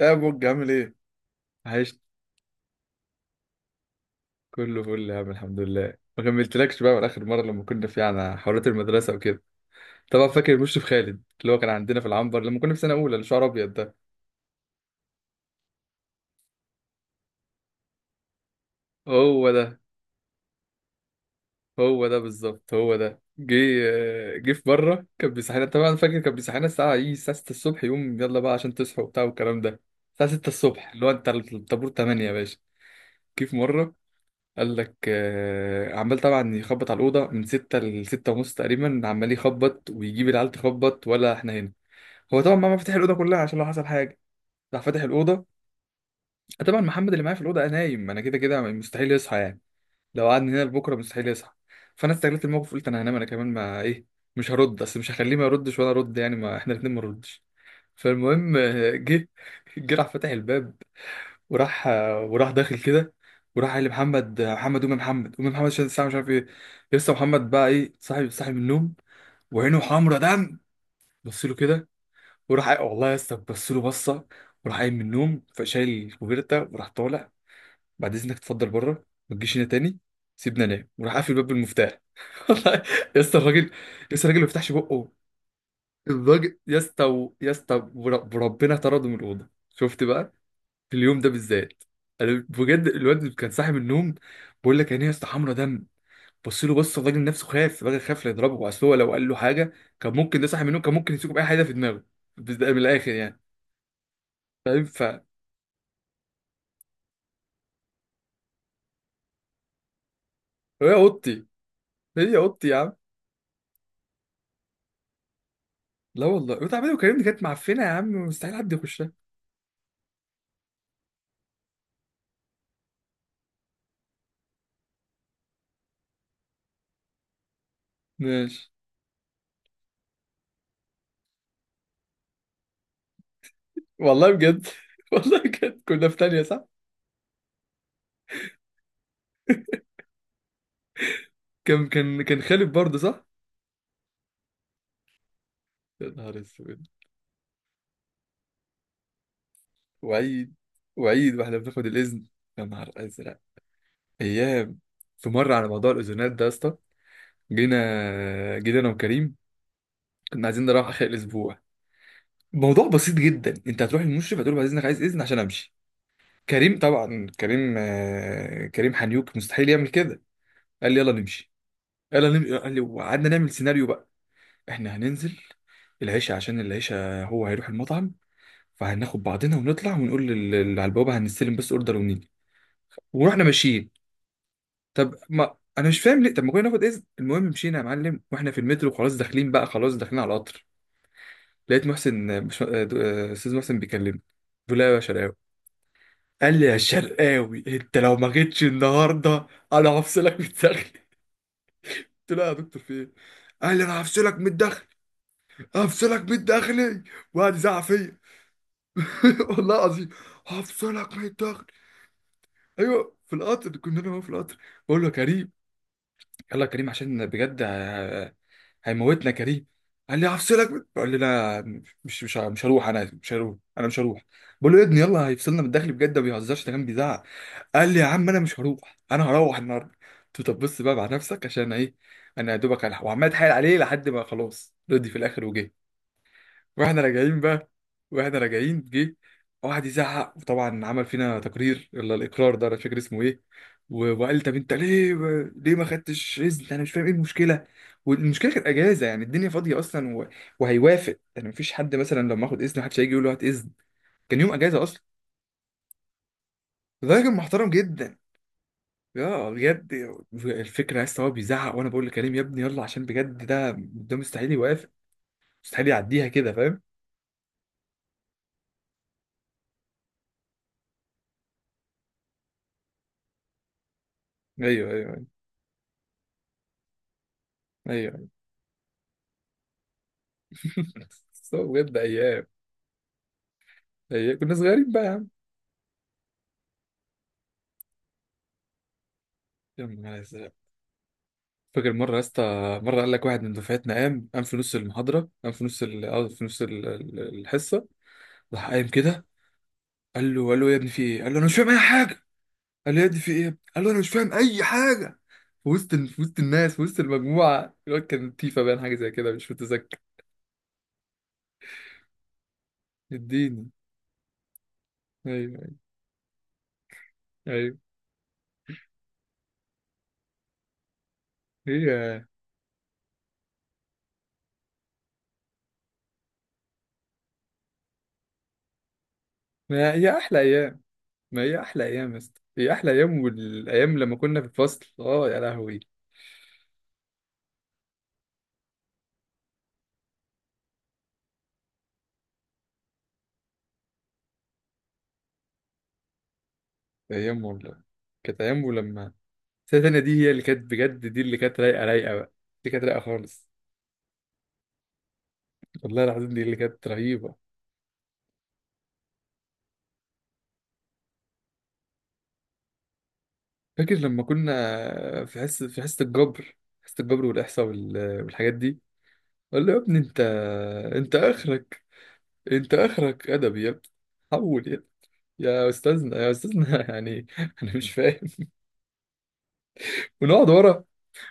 يا بوج، عامل ايه؟ عايش، كله فل يا عم الحمد لله. ما كملتلكش بقى من اخر مره لما كنا على حوارات المدرسه وكده. طبعا فاكر المشرف خالد اللي هو كان عندنا في العنبر لما كنا في سنه اولى، اللي شعره ابيض ده. هو ده، هو ده بالظبط، هو ده. جه في مره كان بيصحينا، طبعا فاكر، كان بيصحينا الساعه ايه، الساعه 6 الصبح، يقوم يلا بقى عشان تصحوا وبتاع والكلام ده. الساعه 6 الصبح، اللي هو انت الطابور 8 يا باشا. كيف مره؟ قال لك عمال، طبعا يخبط على الأوضة من ستة لستة ونص تقريبا، عمال يخبط ويجيب العيال تخبط ولا احنا هنا. هو طبعا ما فتح الأوضة كلها عشان لو حصل حاجة، راح فاتح الأوضة. طبعا محمد اللي معايا في الأوضة نايم، أنا كده كده مستحيل يصحى يعني، لو قعدنا هنا لبكرة مستحيل يصحى. فأنا استغلت الموقف، قلت أنا هنام أنا كمان ما إيه، مش هرد، أصل مش هخليه ما يردش وأنا أرد، يعني ما احنا الاتنين ما نردش. فالمهم جه، جه راح فاتح الباب، وراح داخل كده، وراح قال لمحمد: محمد قوم يا محمد، قوم يا محمد، عشان الساعه مش عارف ايه. لسه محمد بقى ايه، صاحي صاحي من النوم، وعينه حمرا دم، بص له كده، وراح والله يا اسطى بص له بصه، وراح قايم من النوم، فشايل الكوفيرتا وراح طالع: بعد اذنك اتفضل بره، ما تجيش هنا تاني. سيبنا نام وراح قافل الباب بالمفتاح والله يا اسطى الراجل. لسه الراجل ما فتحش بقه، الراجل يا اسطى يا اسطى وربنا طرده من الاوضه. شفت بقى في اليوم ده بالذات، انا بجد الواد كان صاحي من النوم، بقول لك عينيه يا اسطى حمرا دم، بص له، بص الراجل نفسه، خاف الراجل، خاف لا يضربه، اصل هو لو قال له حاجه كان ممكن، ده صاحي من النوم كان ممكن يمسكه باي حاجه في دماغه. بس ده من الاخر يعني، فاهم؟ هي اوضتي، هي اوضتي يا عم. لا والله وانت عمال تكلمني، كانت معفنه يا عم، مستحيل حد يخشها. ماشي. والله بجد والله بجد كنا في تانية، صح. كان خالد برضه، صح. يا نهار اسود. وعيد، وعيد واحنا بناخد الاذن. يا نهار ازرق. ايام. في مره على موضوع الاذونات ده يا اسطى، جينا انا وكريم، كنا عايزين نروح اخر الاسبوع. موضوع بسيط جدا، انت هتروح للمشرف هتقول له بعد اذنك عايز اذن عشان امشي. كريم طبعا، كريم كريم حنيوك مستحيل يعمل كده. قال لي يلا نمشي، يلا نمشي قال لي، وقعدنا نعمل سيناريو بقى. احنا هننزل العشاء، عشان العشاء هو هيروح المطعم، فهناخد بعضنا ونطلع ونقول اللي على البوابه هنستلم بس اوردر ونيجي. ورحنا ماشيين. طب ما انا مش فاهم ليه، طب ما كنا ناخد اذن. المهم مشينا يا معلم، واحنا في المترو خلاص داخلين بقى، خلاص داخلين على القطر، لقيت محسن مش... آه، دو- آه، استاذ محسن بيكلمني. بيقول لي: أيوة يا شرقاوي، قال لي يا شرقاوي انت لو ما جيتش النهارده انا هفصلك من الداخلي. قلت له يا دكتور في ايه؟ قال لي انا هفصلك من الداخلي، هفصلك من الداخلي، وقعد يزعق فيا. والله العظيم، هفصلك من الداخلي. ايوه، في القطر كنا، انا وهو في القطر. بقول له يا كريم، يلا يا كريم عشان بجد هيموتنا يا كريم. قال لي هفصلك، بقول لي لا، مش هروح، انا مش هروح، انا مش هروح. بقول له يا ابني يلا، هيفصلنا من الداخل بجد، ما بيهزرش، ده كان بيزعق. قال لي يا عم انا مش هروح، انا هروح النهارده. قلت له طب بص بقى مع نفسك عشان ايه، انا يا دوبك هلحق. وعمال اتحايل عليه لحد ما خلاص رضي في الاخر وجه. واحنا راجعين بقى، واحنا راجعين جه واحد يزعق، وطبعا عمل فينا تقرير ولا الاقرار ده انا مش فاكر اسمه ايه. وقال طب انت ليه، ليه ما خدتش اذن؟ انا مش فاهم ايه المشكله، والمشكله كانت اجازه، يعني الدنيا فاضيه اصلا، و... وهيوافق يعني، مفيش حد مثلا لما اخد اذن محدش هيجي يقول له هات اذن. كان يوم اجازه اصلا. فده كان محترم جدا يا بجد. الفكره يا اسطى هو بيزعق وانا بقول لكريم يا ابني يلا، عشان بجد ده، ده مستحيل يوافق، مستحيل يعديها كده، فاهم. ايوه ايوه ايوه، أيوة. So بجد ايام. إيه، كنا صغيرين بقى. يا عم، يا نهار أزرق. فاكر مرة يا اسطى، مرة قال لك واحد من دفعتنا، قام في نص المحاضرة، قام في نص ال... آه، في نص الحصة، راح قايم كده، قال له، قال له يا ابني في ايه؟ قال له انا مش فاهم اي حاجة. قال له يا ابني في ايه؟ قال له انا مش فاهم اي حاجة. في في وسط الناس، في وسط المجموعة. الواد كان تيفا باين حاجة زي كده، مش متذكر. اديني. ايوه ايوه. هي، ما هي احلى ايام، ما هي احلى ايام يا اسطى، هي احلى ايام، والايام لما كنا في الفصل اه يا لهوي. ايام والله. كانت ايام. ولما السنه التانيه دي، هي اللي كانت بجد، دي اللي كانت رايقه، رايقه بقى، دي كانت رايقه خالص. والله العظيم دي اللي كانت رهيبه. فاكر لما كنا في حصه، الجبر، حصه الجبر والاحصاء والحاجات دي. قال له يا ابني انت، اخرك، انت اخرك ادبي يا ابني، حول يا ابني. يا استاذنا، يا استاذنا يعني انا مش فاهم. ونقعد ورا،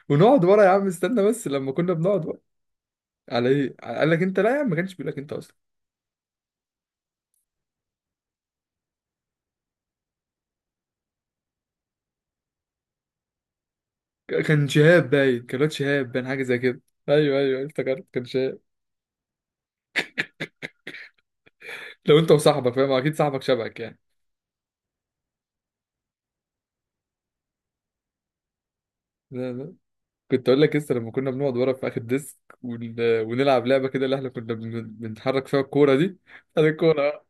ونقعد ورا يا عم. استنى بس، لما كنا بنقعد ورا، على ايه قال لك انت؟ لا يا عم ما كانش بيقول لك انت اصلا. كان شهاب باين، كان الواد شهاب باين حاجه زي كده. ايوه ايوه افتكرت، كان شهاب. لو انت وصاحبك، فاهم، اكيد صاحبك شبهك يعني. لا لا، كنت اقول لك لسه، لما كنا بنقعد ورا في اخر ديسك ونلعب لعبه كده، اللي احنا كنا بنتحرك فيها الكوره دي. انا الكوره.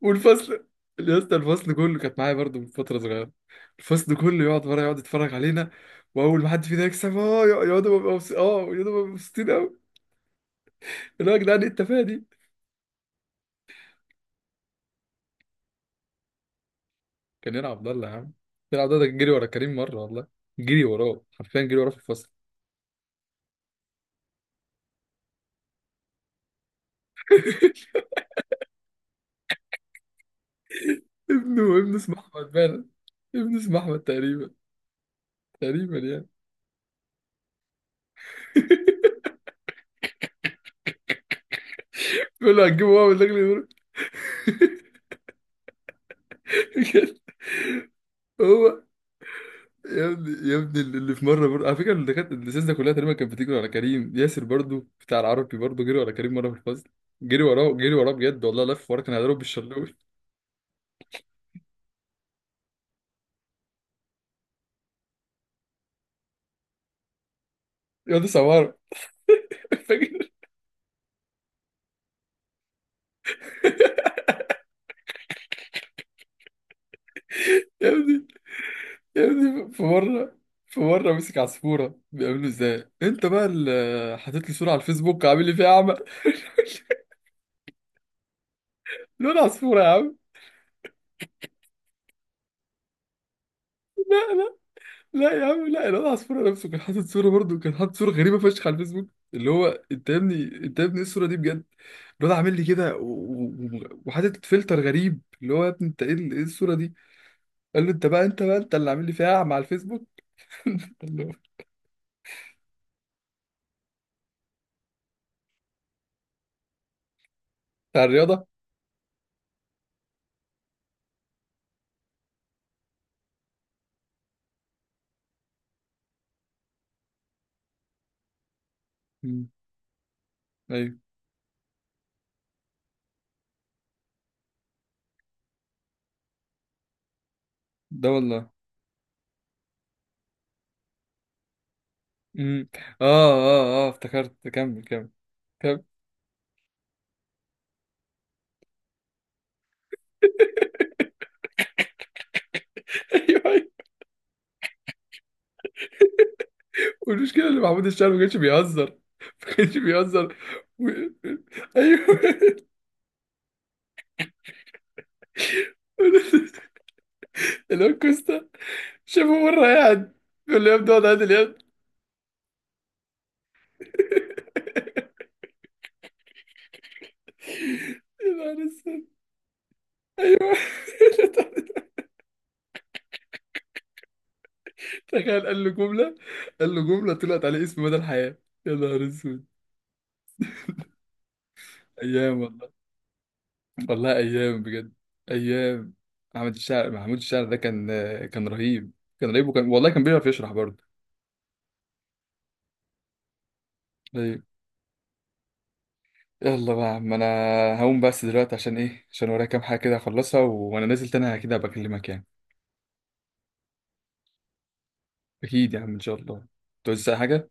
والفصل يا اسطى، الفصل كله كانت معايا برضه من فتره صغيره. الفصل كله يقعد ورا، يقعد يتفرج علينا، واول ما حد فينا يكسب اه يقعدوا ببقى مبسوطين قوي. اللي هو يا جدعان ايه التفاهه دي. كان يلعب عبد الله يا عم، يلعب عبد الله. ده كان جري ورا كريم مرة والله، جري وراه حرفيا، جري وراه في الفصل. ابنه اسمه احمد باين، ابنه اسمه احمد تقريبا، تقريبا يعني. بيقول له هتجيبه هو من داخل يضرب. هو يا ابني، يا ابني، اللي في مره برضه على فكره، اللي كانت اللي ده كلها تقريبا كانت بتجري ورا كريم. ياسر برضه، بتاع العربي برضه، جري ورا كريم مره في الفصل، جري وراه، جري وراه بجد والله، لف وراه كان هيضرب بالشلوت. يا دي سماره. فاكر. يا ابني، يا ابني، في مرة مسك عصفورة، بيقابله ازاي؟ انت بقى اللي حاطط لي صورة على الفيسبوك، عامل لي فيها اعمى. لون عصفورة يا عم. لا يا عم، لا، الواد عصفورة نفسه كان حاطط صورة، برضه كان حاطط صورة غريبة فشخ على الفيسبوك، اللي هو انت يا ابني، انت يا ابني ايه الصورة دي بجد؟ الواد عامل لي كده، وحاطط فلتر غريب، اللي هو يا ابني انت ايه ايه الصورة دي؟ قال له انت بقى، انت بقى انت اللي عامل لي فيها اعمى على الفيسبوك. قال له. بتاع الرياضة. مم. ايوه، ده والله. مم. اه، اه افتكرت، كمل كمل. ايوه أيوة. والمشكله ان محمود الشاعر ما كانش بيهزر، ما كانش بيهزر. و... ايوه. اللي هو كوستا شافه مره قاعد، بيقول له يا ابني اقعد عادل اليد. يا نهار اسود. ايوه. تخيل قال له جمله، قال له جمله طلعت عليه اسم مدى الحياه. يا نهار اسود. ايام والله، والله ايام بجد، ايام. محمد الشاعر، محمود الشاعر ده كان، كان رهيب، كان رهيب، وكان والله كان بيعرف يشرح برضه. طيب. يلا بقى يا عم، انا هقوم بس دلوقتي عشان ايه، عشان ورايا كام حاجه كده اخلصها، وانا نازل تاني كده بكلمك يعني. اكيد يا عم ان شاء الله. توزع حاجه.